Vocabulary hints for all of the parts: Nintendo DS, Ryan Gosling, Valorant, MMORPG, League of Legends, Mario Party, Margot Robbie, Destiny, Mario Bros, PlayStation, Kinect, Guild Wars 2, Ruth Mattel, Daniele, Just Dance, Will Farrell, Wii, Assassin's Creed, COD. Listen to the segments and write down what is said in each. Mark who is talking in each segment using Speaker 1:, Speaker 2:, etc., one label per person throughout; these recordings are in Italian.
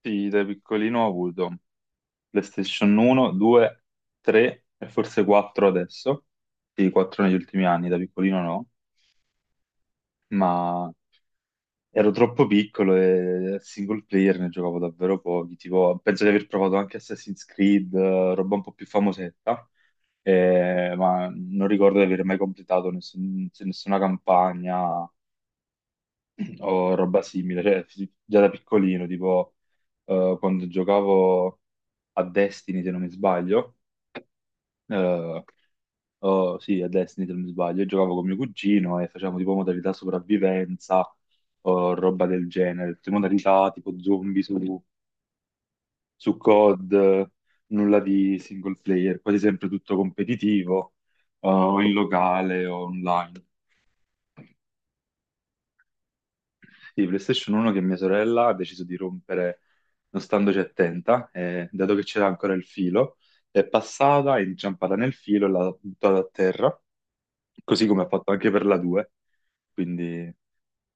Speaker 1: Sì, da piccolino ho avuto PlayStation 1, 2, 3 e forse 4 adesso. Sì, 4 negli ultimi anni, da piccolino no, ma ero troppo piccolo e single player ne giocavo davvero pochi. Tipo, penso di aver provato anche Assassin's Creed, roba un po' più famosetta, ma non ricordo di aver mai completato nessuna campagna o roba simile. Cioè, già da piccolino, tipo, quando giocavo a Destiny, se non mi sbaglio eh, oh, sì, a Destiny se non mi sbaglio, io giocavo con mio cugino e facevamo tipo modalità sopravvivenza o roba del genere, tutte modalità tipo zombie su COD, nulla di single player, quasi sempre tutto competitivo, o in locale o online. Sì, PlayStation 1 che mia sorella ha deciso di rompere non standoci attenta, e dato che c'era ancora il filo, è passata, è inciampata nel filo e l'ha buttata a terra così come ha fatto anche per la 2, quindi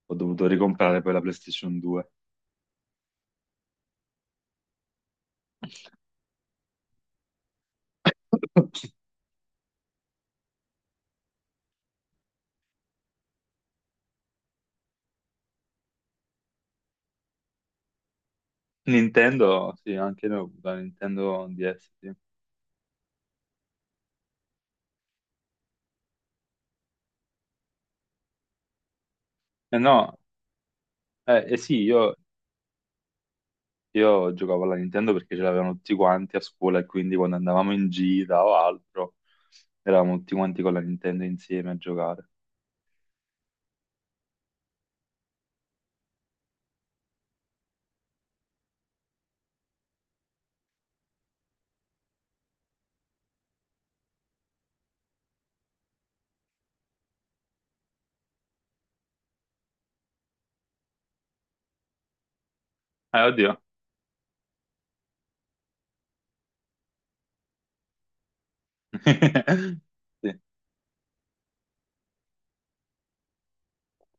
Speaker 1: ho dovuto ricomprare poi la PlayStation 2. Nintendo, sì, anche noi ho avuto la Nintendo DS, sì. Eh no, eh sì, io giocavo alla Nintendo perché ce l'avevano tutti quanti a scuola e quindi quando andavamo in gita o altro, eravamo tutti quanti con la Nintendo insieme a giocare. Oddio. Sì,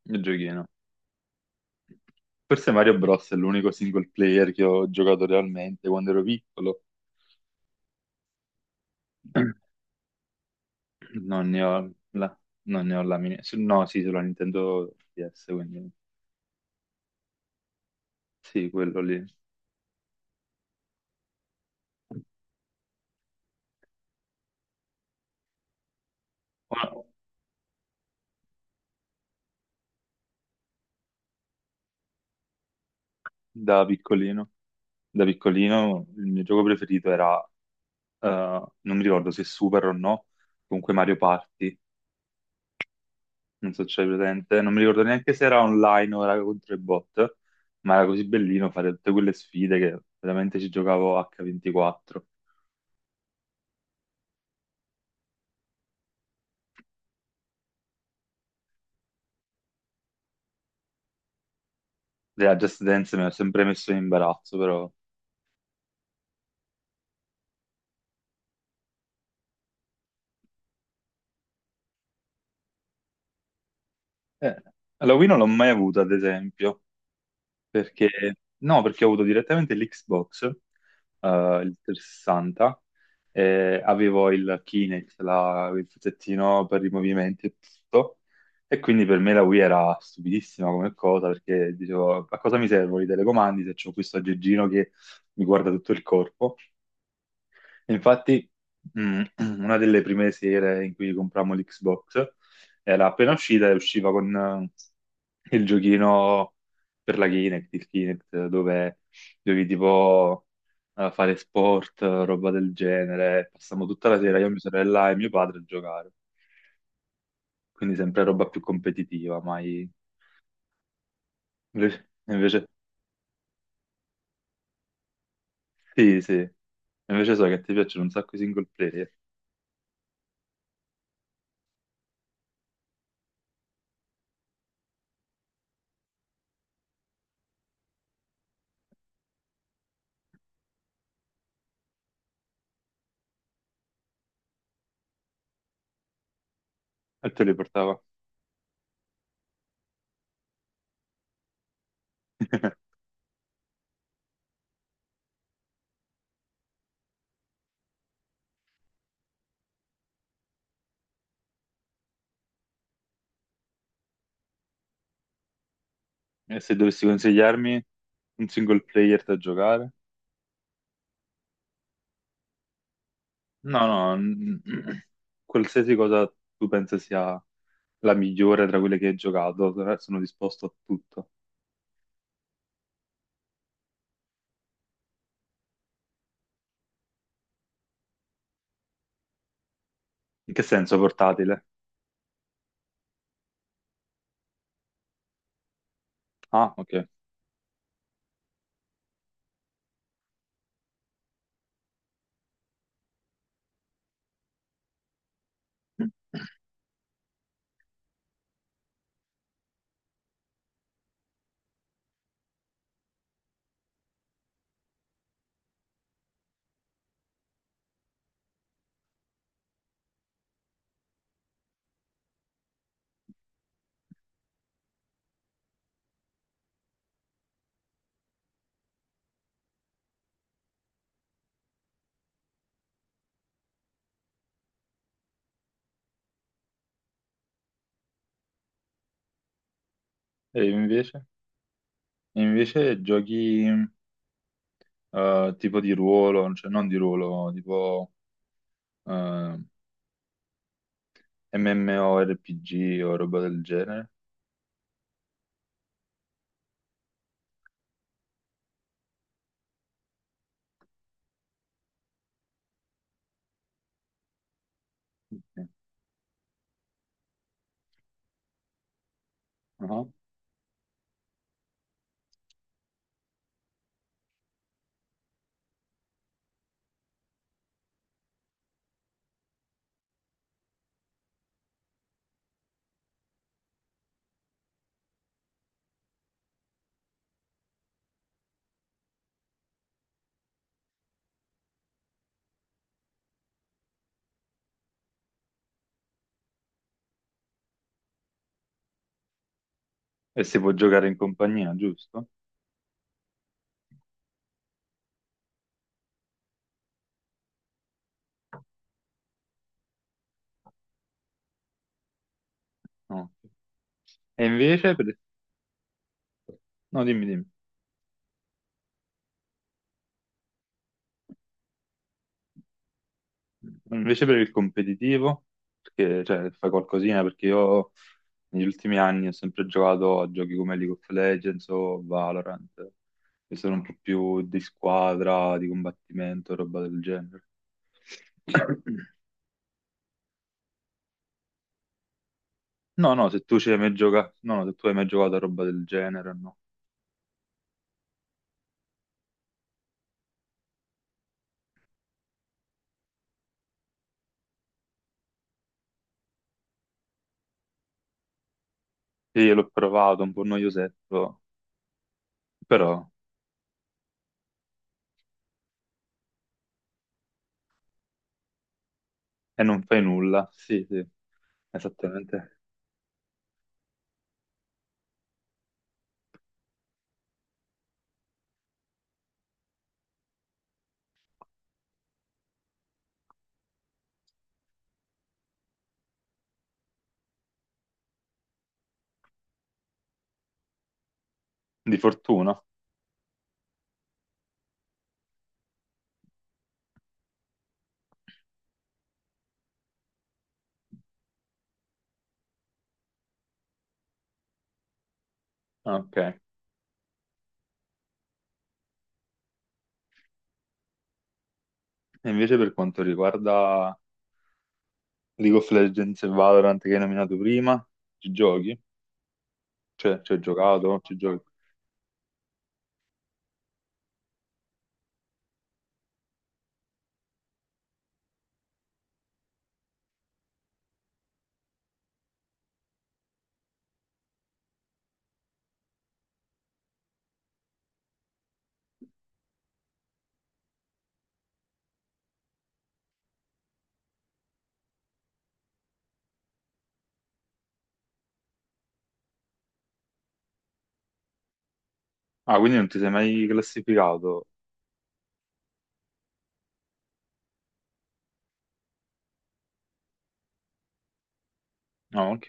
Speaker 1: il giochino. Forse Mario Bros è l'unico single player che ho giocato realmente quando ero piccolo. Non ne ho la, non ne ho la mini- su- No, sì, sulla Nintendo DS, quindi sì, quello lì. Ma Da piccolino, da piccolino, il mio gioco preferito era, eh, non mi ricordo se Super o no, comunque Mario Party, non so se c'è presente, non mi ricordo neanche se era online o era contro i bot, ma era così bellino fare tutte quelle sfide che veramente ci giocavo H24. La Just Dance mi ha sempre messo in imbarazzo, però... Eh, la Wii non l'ho mai avuta, ad esempio. Perché, no, perché ho avuto direttamente l'Xbox, il 360, e avevo il Kinect, il pezzettino per i movimenti e tutto, e quindi per me la Wii era stupidissima come cosa, perché dicevo, a cosa mi servono i telecomandi se ho questo aggeggino che mi guarda tutto il corpo? Infatti, mm, una delle prime sere in cui comprammo l'Xbox era appena uscita e usciva con il giochino per la Kinect, il Kinect, dove dovevi tipo fare sport, roba del genere. Passammo tutta la sera, io, mia sorella e mio padre a giocare. Quindi sempre roba più competitiva, mai... Invece, invece- sì, sì. Invece so che ti piacciono un sacco i single player. E te li portavo. E se dovessi consigliarmi un single player da giocare? No, no, qualsiasi cosa tu pensi sia la migliore tra quelle che hai giocato, sono disposto a tutto. In che senso portatile? Ah, ok. E invece? E invece giochi tipo di ruolo, cioè non di ruolo, tipo eh, MMORPG o roba del genere? Sì. Ah. E si può giocare in compagnia, giusto? No. E invece, per- no, dimmi, dimmi. Invece per il competitivo, perché cioè, fai qualcosina, perché io negli ultimi anni ho sempre giocato a giochi come League of Legends o Valorant, che sono un po' più di squadra, di combattimento, roba del genere. No, no, se tu ci hai mai giocato, no, no, se tu hai mai giocato a roba del genere, no. Sì, l'ho provato, un po' noiosetto, però, e non fai nulla, sì, sì, esattamente, di fortuna. Ah, ok, e invece per quanto riguarda League of Legends e Valorant che hai nominato prima, ci giochi? Cioè, ci hai giocato? Ci giochi? Ah, quindi non ti sei mai classificato? No, ok.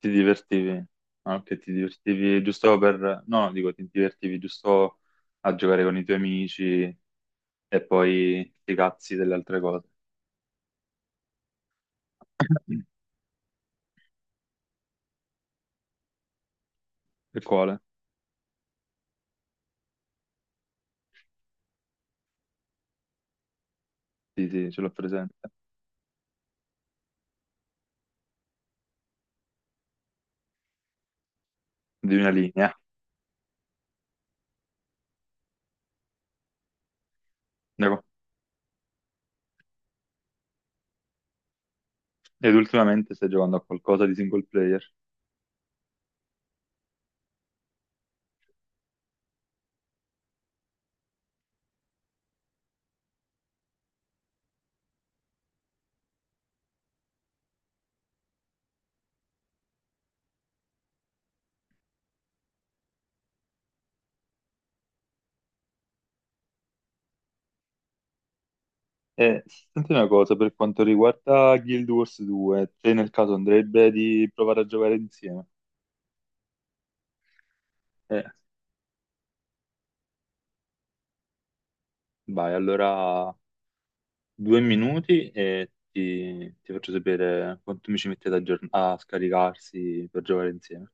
Speaker 1: Ti divertivi? Ah, ok, ti divertivi giusto per... No, dico, ti divertivi giusto a giocare con i tuoi amici e poi ti cazzi delle altre cose. E quale? Sì, sì, ce l'ho presente. Di una linea. Ecco. Ed ultimamente stai giocando a qualcosa di single player? Eh, senti una cosa, per quanto riguarda Guild Wars 2, te nel caso andrebbe di provare a giocare insieme? Eh, vai, allora 2 minuti e ti faccio sapere quanto mi ci mettete a scaricarsi per giocare insieme.